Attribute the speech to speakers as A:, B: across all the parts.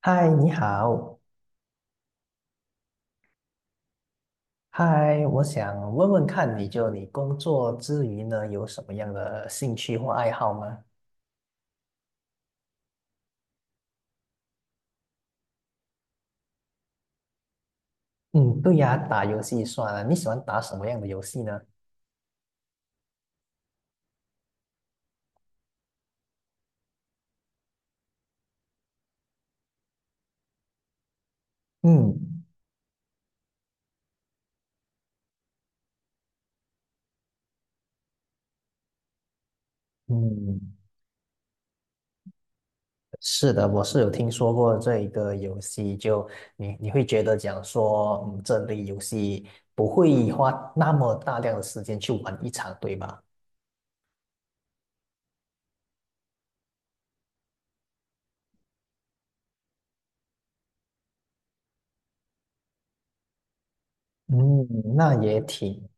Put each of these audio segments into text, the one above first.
A: 嗨，你好。嗨，我想问问看你，就你工作之余呢，有什么样的兴趣或爱好吗？嗯，对呀，打游戏算了。你喜欢打什么样的游戏呢？嗯嗯，是的，我是有听说过这一个游戏，就你会觉得讲说，这类游戏不会花那么大量的时间去玩一场，对吧？嗯，那也挺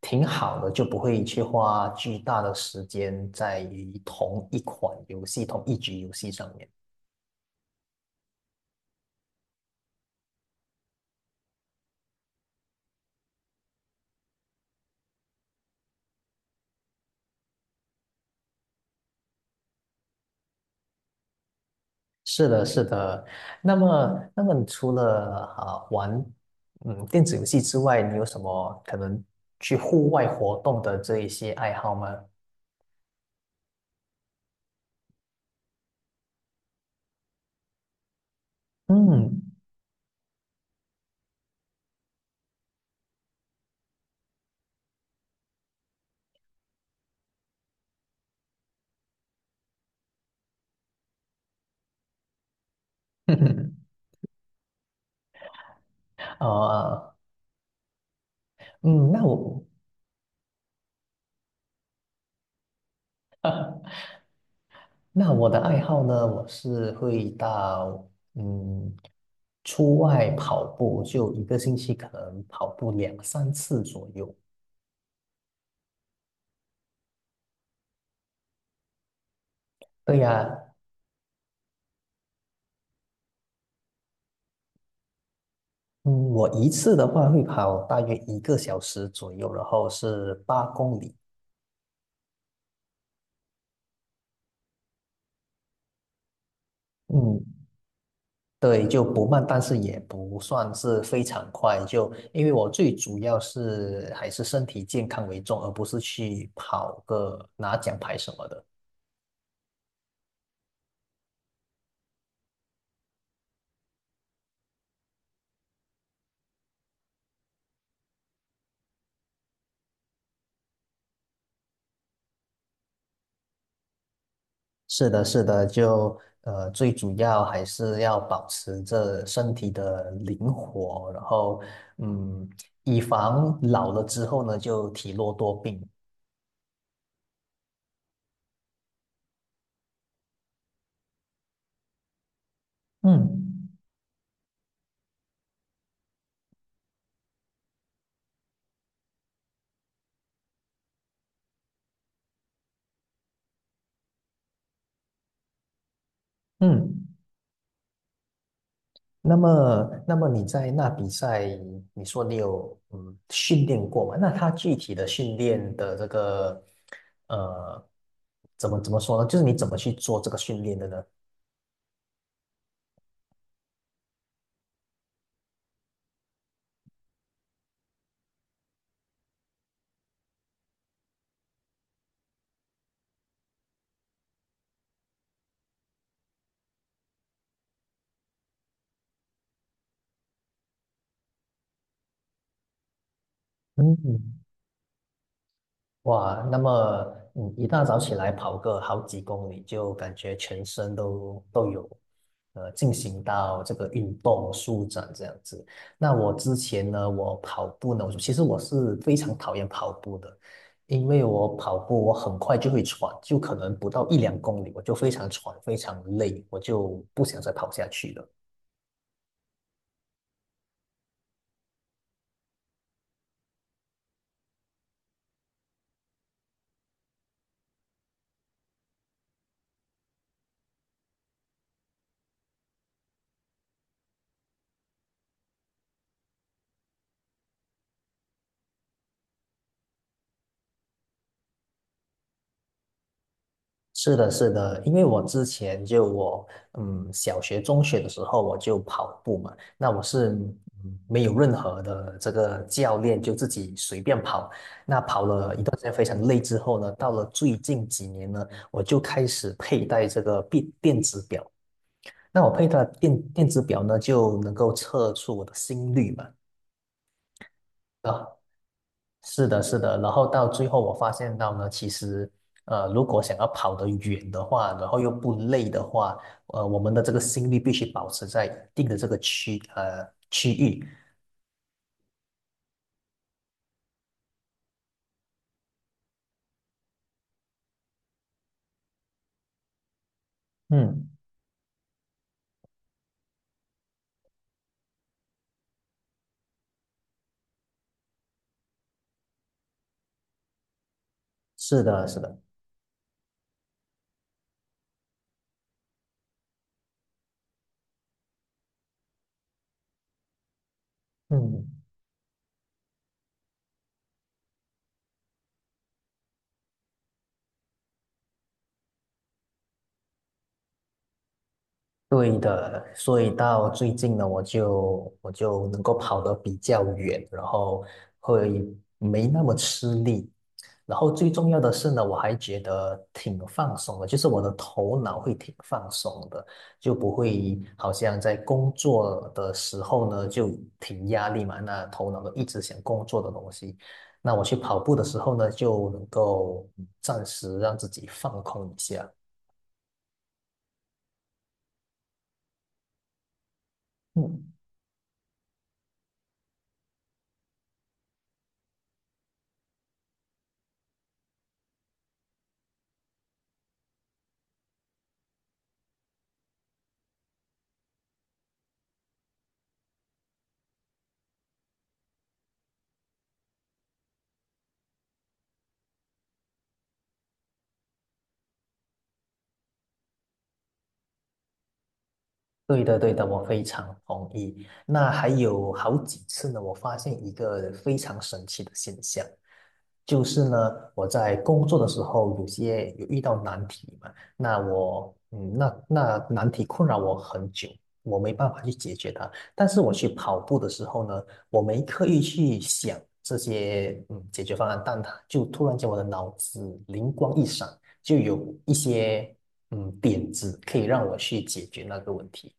A: 挺好的，就不会去花巨大的时间在于同一款游戏、同一局游戏上面。是的，是的。那么你除了玩电子游戏之外，你有什么可能去户外活动的这一些爱好吗？嗯，呃，嗯，那我 那我的爱好呢，我是会到嗯出外跑步，就一个星期可能跑步两三次左右。对呀，嗯，我一次的话会跑大约一个小时左右，然后是8公里。嗯，对，就不慢，但是也不算是非常快。就因为我最主要是还是身体健康为重，而不是去跑个拿奖牌什么的。是的，是的，就最主要还是要保持着身体的灵活，然后嗯，以防老了之后呢，就体弱多病。嗯嗯，那么你在那比赛，你说你有训练过吗？那他具体的训练的这个呃，怎么说呢？就是你怎么去做这个训练的呢？嗯哇，那么你一大早起来跑个好几公里，就感觉全身都有，进行到这个运动舒展这样子。那我之前呢，我跑步呢，我其实我是非常讨厌跑步的，因为我跑步我很快就会喘，就可能不到一两公里，我就非常喘，非常累，我就不想再跑下去了。是的，是的，因为我之前就我，小学、中学的时候我就跑步嘛，那我是没有任何的这个教练，就自己随便跑。那跑了一段时间非常累之后呢，到了最近几年呢，我就开始佩戴这个电子表。那我佩戴电子表呢，就能够测出我的心率嘛。啊。是的，是的，然后到最后我发现到呢，其实，如果想要跑得远的话，然后又不累的话，我们的这个心率必须保持在一定的这个区域。嗯，是的，是的，嗯，对的。所以到最近呢，我就能够跑得比较远，然后会没那么吃力。然后最重要的是呢，我还觉得挺放松的，就是我的头脑会挺放松的，就不会好像在工作的时候呢就挺压力嘛，那头脑都一直想工作的东西。那我去跑步的时候呢，就能够暂时让自己放空一下。嗯对的，对的，我非常同意。那还有好几次呢，我发现一个非常神奇的现象，就是呢，我在工作的时候有些有遇到难题嘛，那我那难题困扰我很久，我没办法去解决它。但是我去跑步的时候呢，我没刻意去想这些解决方案，但它就突然间我的脑子灵光一闪，就有一些点子可以让我去解决那个问题。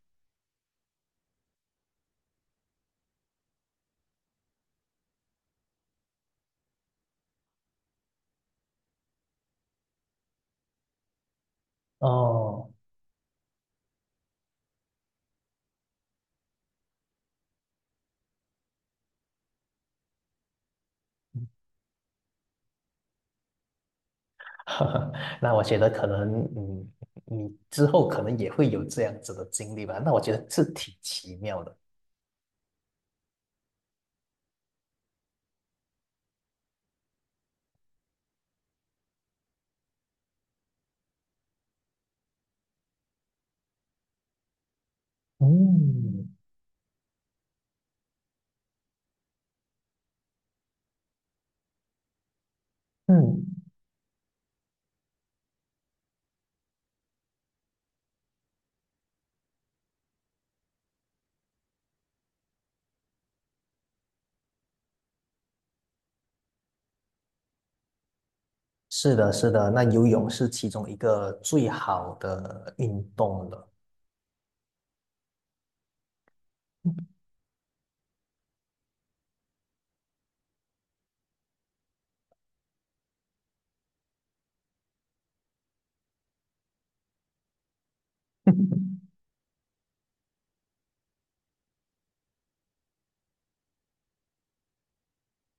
A: 哦，那我觉得可能，你之后可能也会有这样子的经历吧。那我觉得是挺奇妙的。嗯嗯，是的，是的，那游泳是其中一个最好的运动了。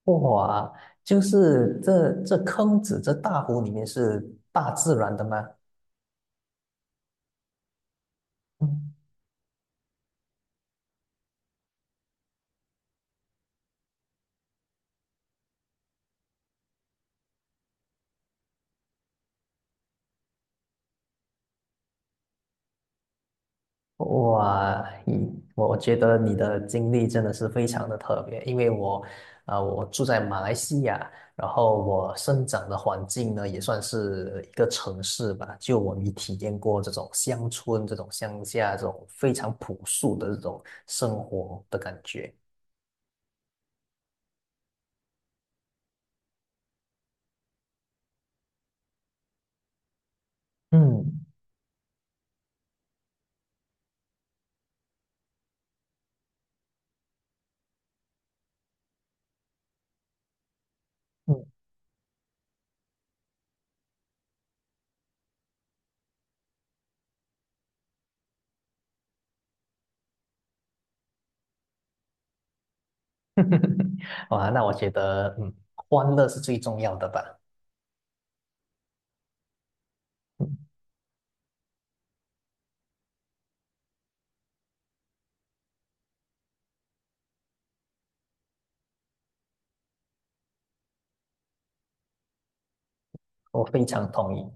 A: 哇，就是这坑子这大湖里面是大自然的吗？嗯。哇，我觉得你的经历真的是非常的特别，因为我住在马来西亚，然后我生长的环境呢，也算是一个城市吧，就我没体验过这种乡村、这种乡下、这种非常朴素的这种生活的感觉。嗯嗯，哇，那我觉得，欢乐是最重要的吧，嗯，我非常同意。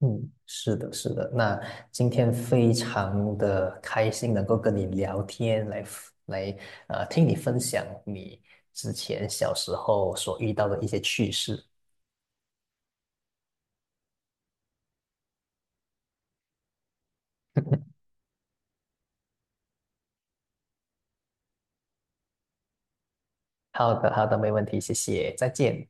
A: 嗯，是的，是的。那今天非常的开心，能够跟你聊天，来听你分享你之前小时候所遇到的一些趣事。好的，好的，没问题，谢谢，再见。